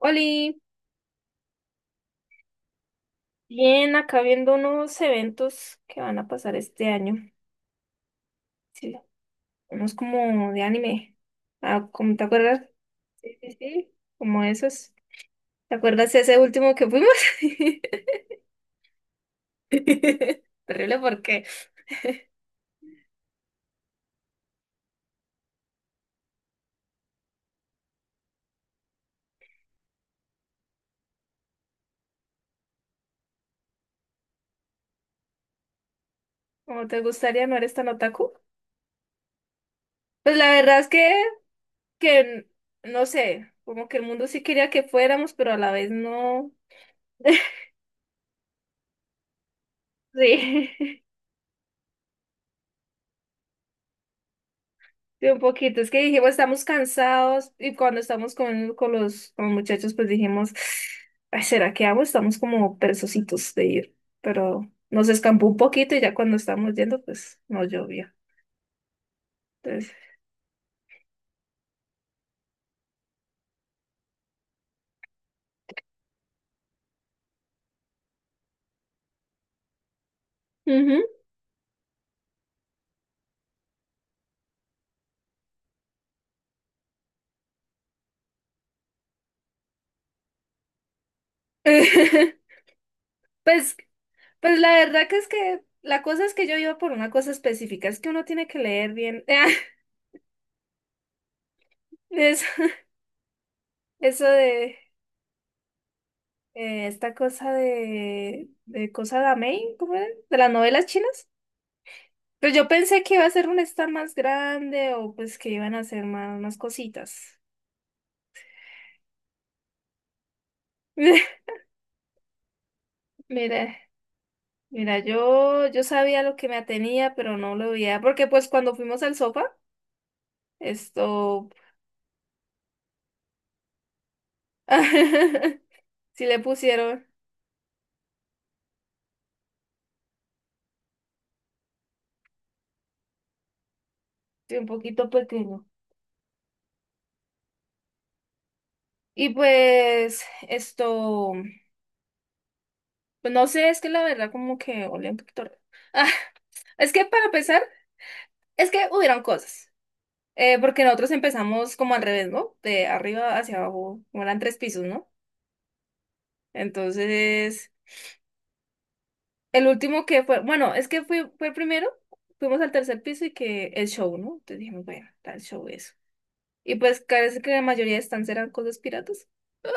Oli, bien, acá viendo unos eventos que van a pasar este año. Sí, unos como de anime. Ah, ¿cómo te acuerdas? Sí, sí, sí. Como esos. ¿Te acuerdas ese último que fuimos? Terrible porque, ¿cómo te gustaría no eres tan otaku? Pues la verdad es que no sé, como que el mundo sí quería que fuéramos, pero a la vez no. Sí. Sí, un poquito, es que dijimos, estamos cansados y cuando estamos con los muchachos, pues dijimos, "Ay, ¿será que hago? Estamos como perezositos de ir, pero nos escampó un poquito y ya cuando estábamos yendo, pues no llovía. Entonces, ujú. Pues, pues la verdad que es que la cosa es que yo iba por una cosa específica, es que uno tiene que leer bien eso, eso de esta cosa de cosa de Amei, ¿cómo era? De las novelas chinas. Pero yo pensé que iba a ser un stand más grande o pues que iban a hacer más, más cositas. Mira, mira, yo sabía lo que me atenía, pero no lo veía, porque pues cuando fuimos al sofá, esto, sí le pusieron sí, un poquito pequeño. Y pues esto, pues no sé, es que la verdad como que olía un poquito raro. Ah, es que para empezar, es que hubieron cosas, porque nosotros empezamos como al revés, ¿no? De arriba hacia abajo, como eran tres pisos, ¿no? Entonces, el último que fue, bueno, es que fui, fue el primero, fuimos al tercer piso y que el show, ¿no? Entonces dijimos, bueno, está el show eso. Y pues parece que la mayoría de stands eran cosas piratas. ¡Ah,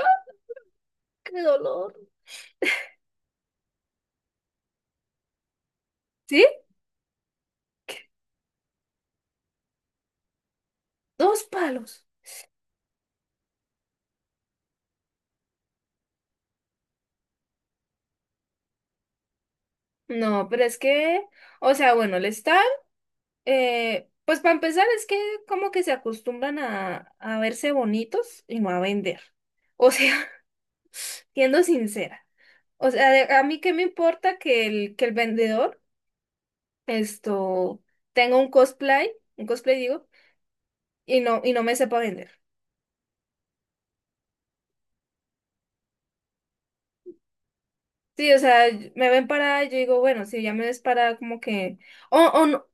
qué dolor! ¿Sí? Dos palos. No, pero es que, o sea, bueno, el stand, pues para empezar es que como que se acostumbran a verse bonitos y no a vender. O sea, siendo sincera. O sea, de- a mí qué me importa que el vendedor. Esto, tengo un cosplay digo, y no me sepa vender. Sí, o sea, y- me ven parada y yo digo, bueno, si ya me ves parada, como que, o, no-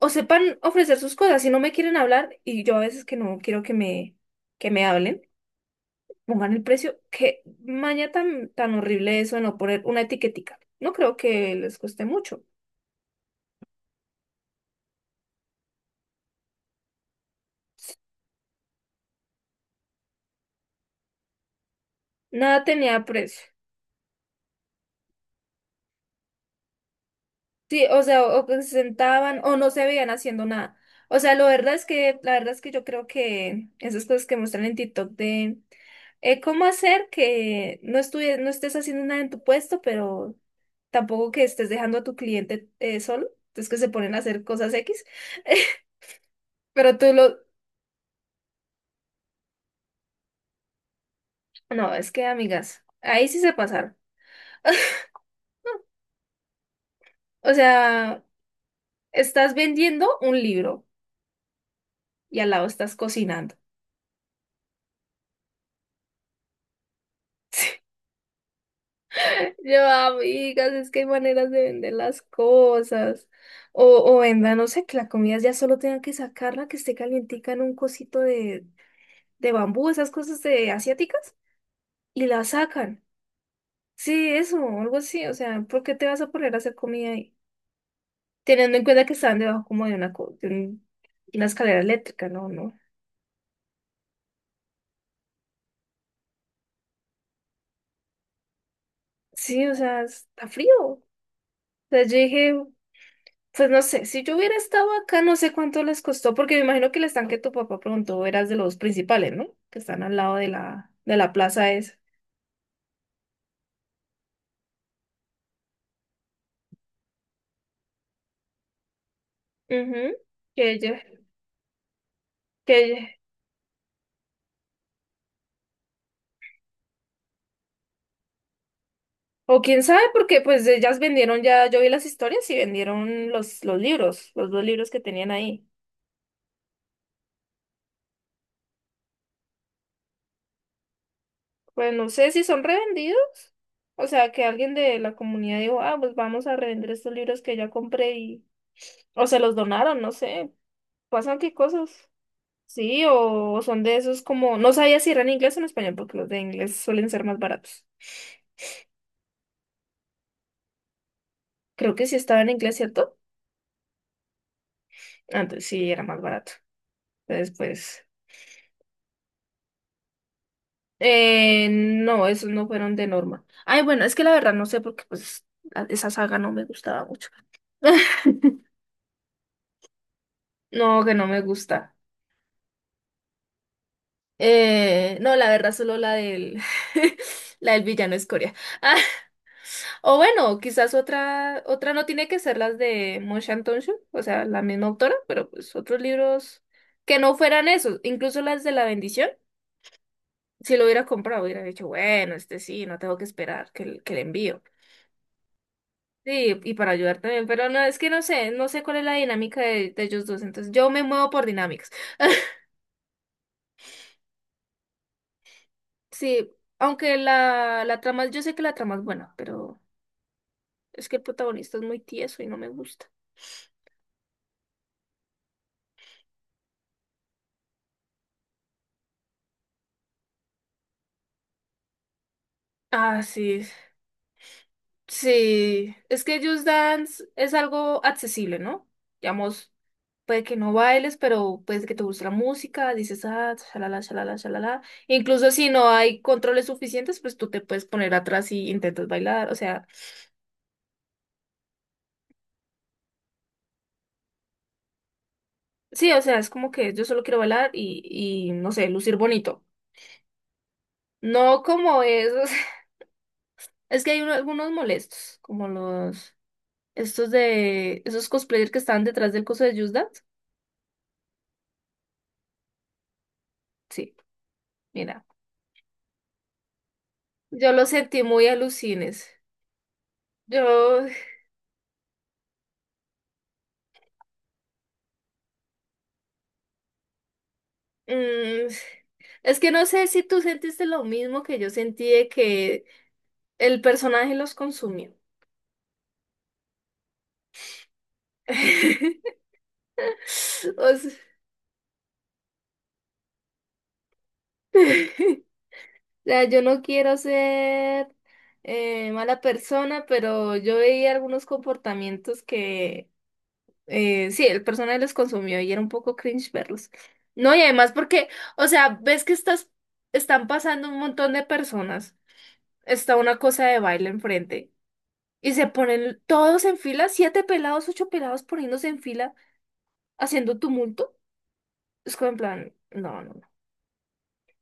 o sepan ofrecer sus cosas, si no me quieren hablar, y yo a veces que no quiero que me hablen, pongan el precio, qué maña tan, tan horrible eso de no poner una etiquetica. No creo que les cueste mucho. Nada tenía precio. Sí, o sea, o que se sentaban o no se veían haciendo nada. O sea, lo verdad es que, la verdad es que yo creo que esas cosas que muestran en TikTok de cómo hacer que no estudie- no estés haciendo nada en tu puesto, pero tampoco que estés dejando a tu cliente solo. Entonces que se ponen a hacer cosas X. Pero tú lo... No, es que, amigas, ahí sí se pasaron. O sea, estás vendiendo un libro y al lado estás cocinando. Yo, amigas, es que hay maneras de vender las cosas. O, o venda, no sé, que la comida ya solo tengan que sacarla, que esté calientica en un cosito de bambú, esas cosas de asiáticas, y la sacan. Sí, eso, algo así. O sea, ¿por qué te vas a poner a hacer comida ahí? Teniendo en cuenta que estaban debajo como de una, co- de un- una escalera eléctrica, no, no. Sí, o sea, está frío. O sea, yo dije. Pues no sé, si yo hubiera estado acá, no sé cuánto les costó, porque me imagino que el estanque tu papá preguntó eras de los principales, ¿no? Que están al lado de la plaza esa. Ujú. Que ella, que ella- O quién sabe, porque pues ellas vendieron ya, yo vi las historias y vendieron los libros, los dos libros que tenían ahí. Pues no sé si son revendidos. O sea, que alguien de la comunidad dijo, ah, pues vamos a revender estos libros que ya compré y... O se los donaron, no sé. Pasan qué cosas. Sí, o son de esos como, no sabía si eran en inglés o en español, porque los de inglés suelen ser más baratos. Creo que sí estaba en inglés, ¿cierto? Antes sí era más barato. Entonces, pues, no, esos no fueron de Norma. Ay, bueno, es que la verdad no sé porque pues a- esa saga no me gustaba mucho. No, que no me gusta. No, la verdad solo la del, la del villano es Corea. O bueno, quizás otra, otra no tiene que ser las de Mon shan tong, o sea, la misma autora, pero pues otros libros que no fueran esos, incluso las de La Bendición, si lo hubiera comprado, hubiera dicho, bueno, este sí, no tengo que esperar que, el- que le envío. Sí, y para ayudar también, pero no, es que no sé, no sé cuál es la dinámica de ellos dos, entonces yo me muevo por dinámicas. Sí, aunque la trama, yo sé que la trama es buena, pero es que el protagonista es muy tieso y no me gusta. Ah, sí, sí, es que Just Dance es algo accesible, ¿no? Digamos, puede que no bailes, pero puede que te guste la música, dices, ah, shalala, shalala, shalala. Incluso si no hay controles suficientes, pues tú te puedes poner atrás y intentas bailar. O sea, sí, o sea, es como que yo solo quiero bailar y no sé, lucir bonito. No como esos. Es que hay uno- algunos molestos, como los, estos de, esos cosplayers que estaban detrás del coso de Just Dance. Sí, mira. Yo lo sentí muy alucines. Yo, mm, es que no sé si tú sentiste lo mismo que yo sentí de que el personaje los consumió. O sea, o sea, yo no quiero ser mala persona, pero yo veía algunos comportamientos que sí, el personaje los consumió y era un poco cringe verlos. No, y además porque, o sea, ves que estás, están pasando un montón de personas. Está una cosa de baile enfrente. Y se ponen todos en fila, siete pelados, ocho pelados poniéndose en fila, haciendo tumulto. Es como en plan, no, no, no.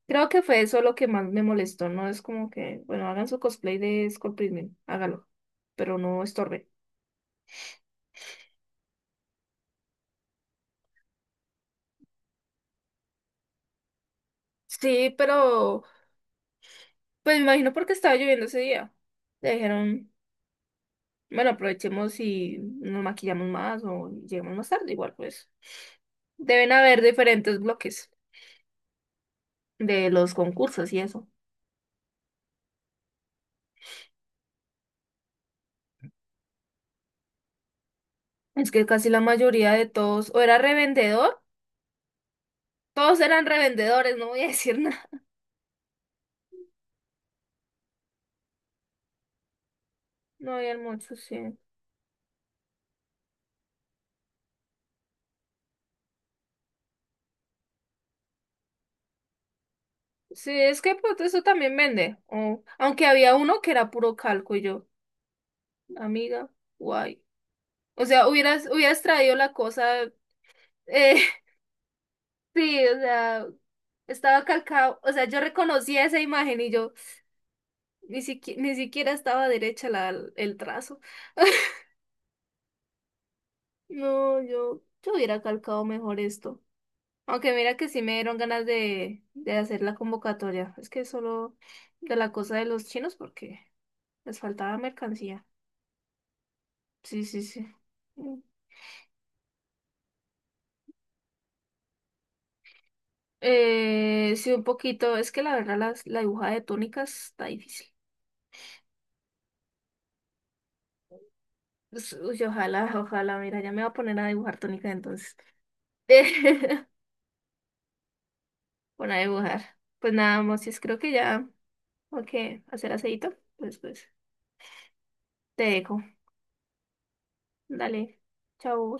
Creo que fue eso lo que más me molestó, ¿no? Es como que, bueno, hagan su cosplay de Skull Prison, hágalo, pero no estorbe. Sí, pero pues me imagino porque estaba lloviendo ese día. Le dijeron, bueno, aprovechemos y nos maquillamos más o llegamos más tarde, igual pues. Deben haber diferentes bloques de los concursos y eso. Es que casi la mayoría de todos, o era revendedor, todos eran revendedores, no voy a decir nada. No habían muchos, sí. Sí, es que pues eso también vende. O- aunque había uno que era puro calco y yo, amiga, guay. O sea, hubieras, hubieras traído la cosa. eh, sí, o sea, estaba calcado. O sea, yo reconocía esa imagen y yo ni siquiera, ni siquiera estaba derecha el trazo. No, yo hubiera calcado mejor esto. Aunque mira que sí me dieron ganas de hacer la convocatoria. Es que solo de la cosa de los chinos porque les faltaba mercancía. Sí, sí, sí. Mm. Sí, un poquito. Es que la verdad las- la, dibujada de túnicas está difícil. Pues, uy, ojalá, ojalá. Mira, ya me voy a poner a dibujar túnicas entonces. Bueno, a dibujar. Pues nada, Mosis, creo que ya. Ok, hacer aceito. Pues, pues, te dejo. Dale. Chao.